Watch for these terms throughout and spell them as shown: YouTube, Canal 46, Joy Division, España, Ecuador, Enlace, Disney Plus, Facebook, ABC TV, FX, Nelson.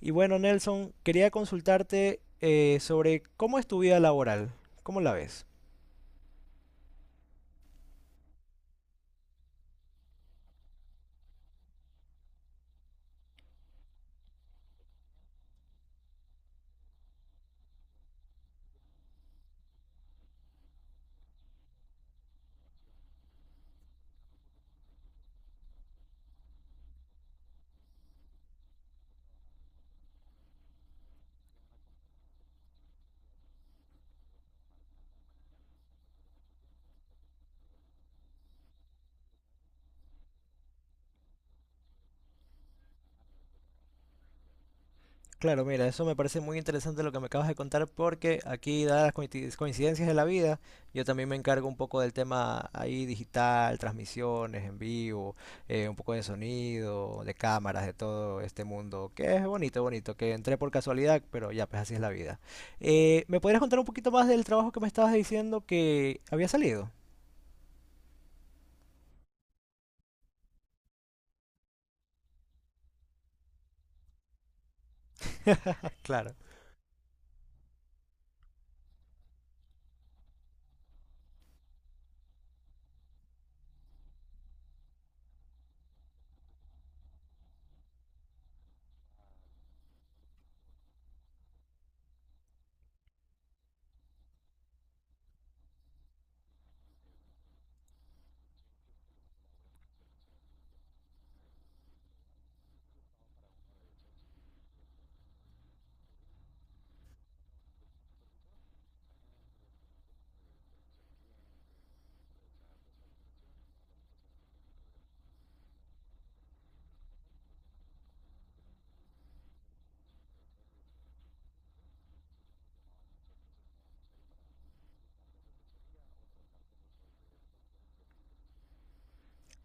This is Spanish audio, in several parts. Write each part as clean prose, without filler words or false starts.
Y bueno, Nelson, quería consultarte sobre cómo es tu vida laboral, ¿cómo la ves? Claro, mira, eso me parece muy interesante lo que me acabas de contar porque aquí, dadas las coincidencias de la vida, yo también me encargo un poco del tema ahí digital, transmisiones en vivo, un poco de sonido, de cámaras, de todo este mundo, que es bonito, bonito, que entré por casualidad, pero ya, pues así es la vida. ¿me podrías contar un poquito más del trabajo que me estabas diciendo que había salido? Claro.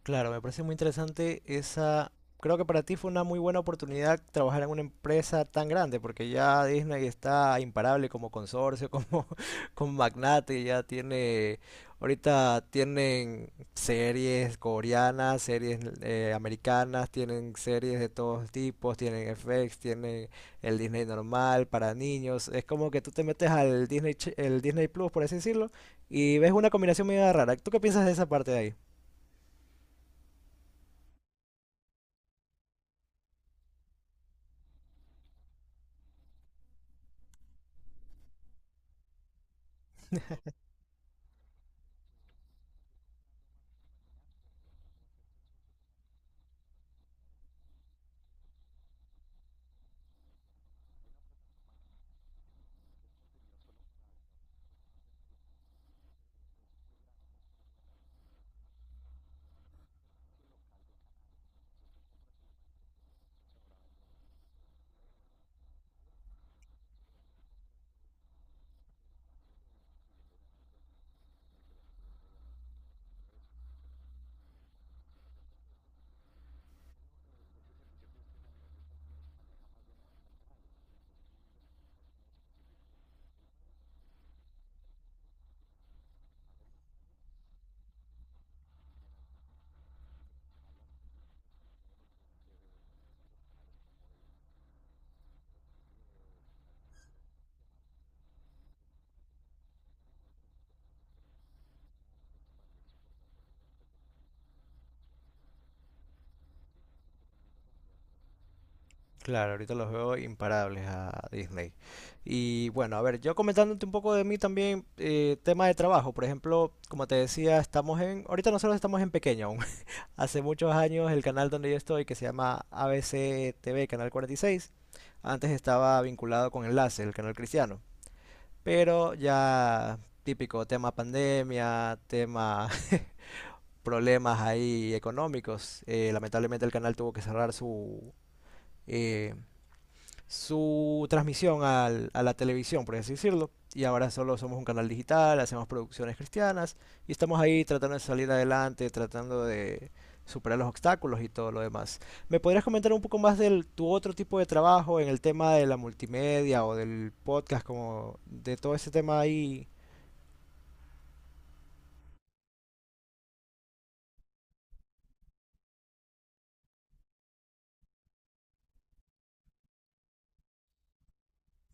Claro, me parece muy interesante esa. Creo que para ti fue una muy buena oportunidad trabajar en una empresa tan grande, porque ya Disney está imparable como consorcio, como, como magnate, ya tiene. Ahorita tienen series coreanas, series americanas, tienen series de todos tipos, tienen FX, tienen el Disney normal para niños. Es como que tú te metes al Disney, el Disney Plus, por así decirlo, y ves una combinación medio rara. ¿Tú qué piensas de esa parte de ahí? Claro, ahorita los veo imparables a Disney. Y bueno, a ver, yo comentándote un poco de mí también, tema de trabajo. Por ejemplo, como te decía, estamos en, ahorita nosotros estamos en pequeño aún. Hace muchos años el canal donde yo estoy, que se llama ABC TV, Canal 46, antes estaba vinculado con Enlace, el canal cristiano. Pero ya típico tema pandemia, tema problemas ahí económicos. Lamentablemente el canal tuvo que cerrar su, eh, su transmisión a la televisión, por así decirlo. Y ahora solo somos un canal digital, hacemos producciones cristianas y estamos ahí tratando de salir adelante, tratando de superar los obstáculos y todo lo demás. ¿Me podrías comentar un poco más de tu otro tipo de trabajo en el tema de la multimedia o del podcast, como de todo ese tema ahí?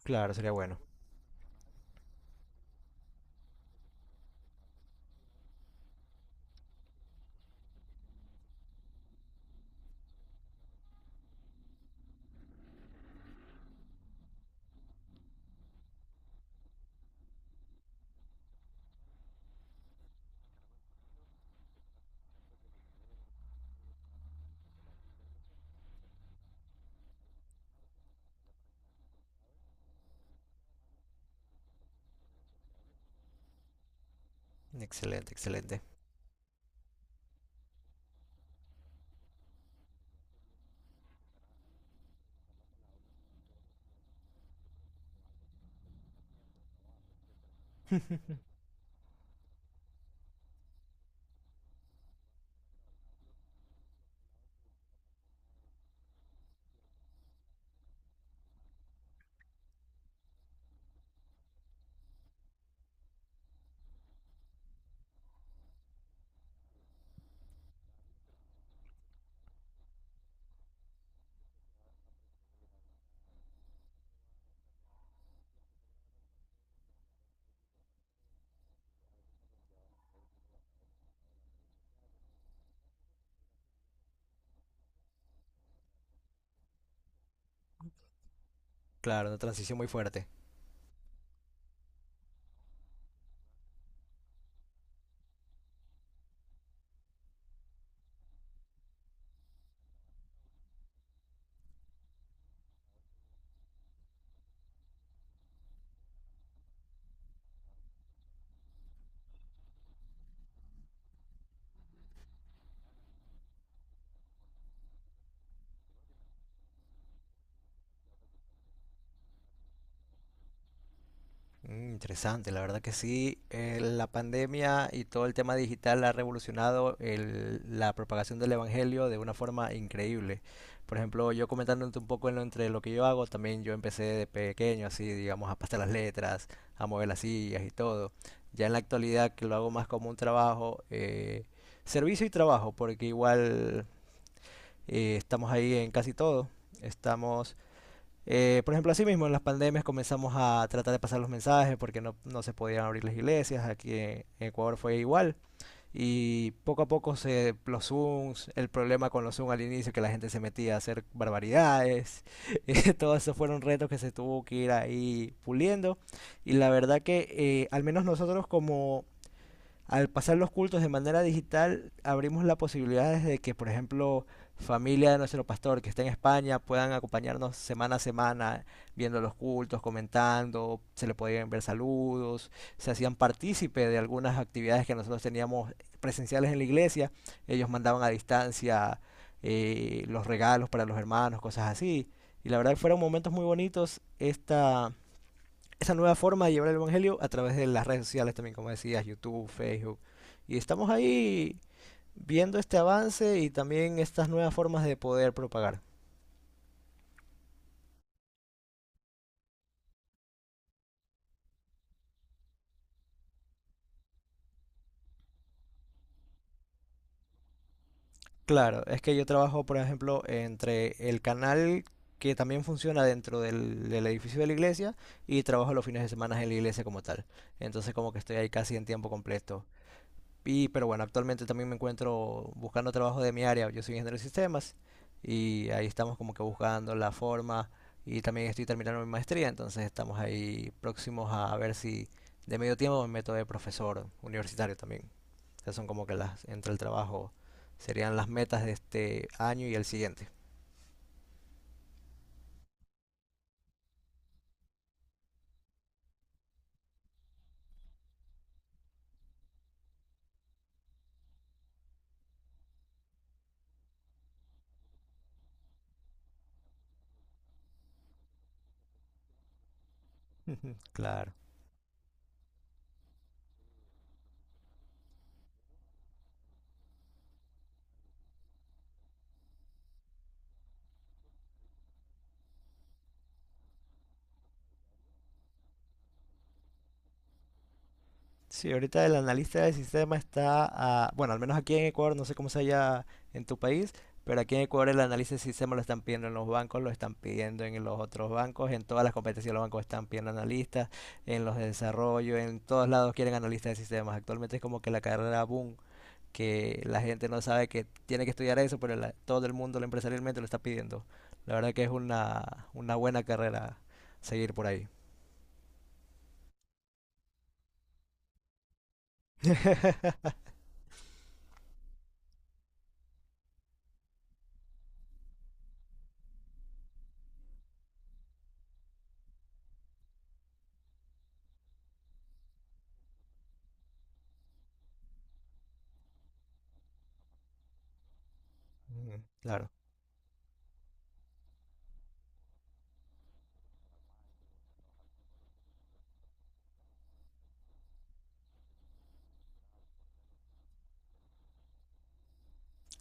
Claro, sería bueno. Excelente, excelente. Claro, una transición muy fuerte. Mm, interesante, la verdad que sí. La pandemia y todo el tema digital ha revolucionado la propagación del evangelio de una forma increíble. Por ejemplo, yo comentándote un poco en entre lo que yo hago, también yo empecé de pequeño, así, digamos, a pasar las letras, a mover las sillas y todo. Ya en la actualidad, que lo hago más como un trabajo, servicio y trabajo, porque igual estamos ahí en casi todo. Estamos por ejemplo, así mismo en las pandemias comenzamos a tratar de pasar los mensajes porque no, no se podían abrir las iglesias. Aquí en Ecuador fue igual. Y poco a poco se, los Zooms, el problema con los Zooms al inicio, que la gente se metía a hacer barbaridades. Todos esos fueron retos que se tuvo que ir ahí puliendo. Y la verdad que al menos nosotros como al pasar los cultos de manera digital, abrimos la posibilidad de que, por ejemplo, familia de nuestro pastor que está en España puedan acompañarnos semana a semana viendo los cultos, comentando, se le podían ver saludos, se hacían partícipe de algunas actividades que nosotros teníamos presenciales en la iglesia, ellos mandaban a distancia los regalos para los hermanos, cosas así. Y la verdad que fueron momentos muy bonitos esta, esa nueva forma de llevar el Evangelio a través de las redes sociales también, como decías, YouTube, Facebook. Y estamos ahí viendo este avance y también estas nuevas formas de poder propagar. Claro, es que yo trabajo, por ejemplo, entre el canal que también funciona dentro del, del edificio de la iglesia y trabajo los fines de semana en la iglesia como tal. Entonces como que estoy ahí casi en tiempo completo. Y, pero bueno, actualmente también me encuentro buscando trabajo de mi área. Yo soy ingeniero de sistemas y ahí estamos como que buscando la forma y también estoy terminando mi maestría, entonces estamos ahí próximos a ver si de medio tiempo me meto de profesor universitario también. Esas son como que las entre el trabajo serían las metas de este año y el siguiente. Claro. Sí, ahorita el analista del sistema está, bueno, al menos aquí en Ecuador, no sé cómo sea allá en tu país, pero aquí en Ecuador el análisis del sistema lo están pidiendo en los bancos, lo están pidiendo en los otros bancos, en todas las competencias los bancos están pidiendo analistas, en los de desarrollo, en todos lados quieren analistas de sistemas. Actualmente es como que la carrera boom, que la gente no sabe que tiene que estudiar eso, pero todo el mundo lo empresarialmente lo está pidiendo. La verdad que es una buena carrera seguir por ahí. Mm, claro,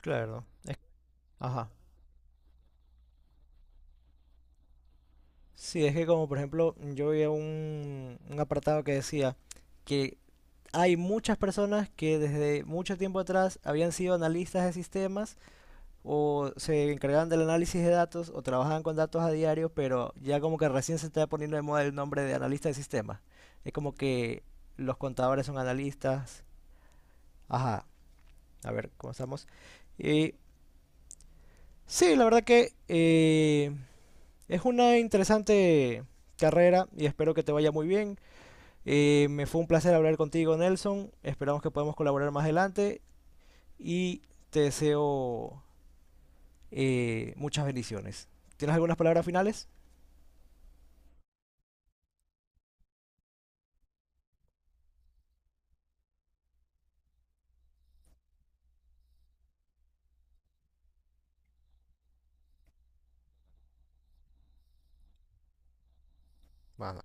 claro. Ajá. Sí, es que como por ejemplo, yo vi un apartado que decía que hay muchas personas que desde mucho tiempo atrás habían sido analistas de sistemas o se encargaban del análisis de datos o trabajaban con datos a diario, pero ya como que recién se está poniendo de moda el nombre de analista de sistemas. Es como que los contadores son analistas. Ajá, a ver, comenzamos. Y sí, la verdad que es una interesante carrera y espero que te vaya muy bien. Me fue un placer hablar contigo, Nelson. Esperamos que podamos colaborar más adelante y te deseo muchas bendiciones. ¿Tienes algunas palabras finales? Bueno,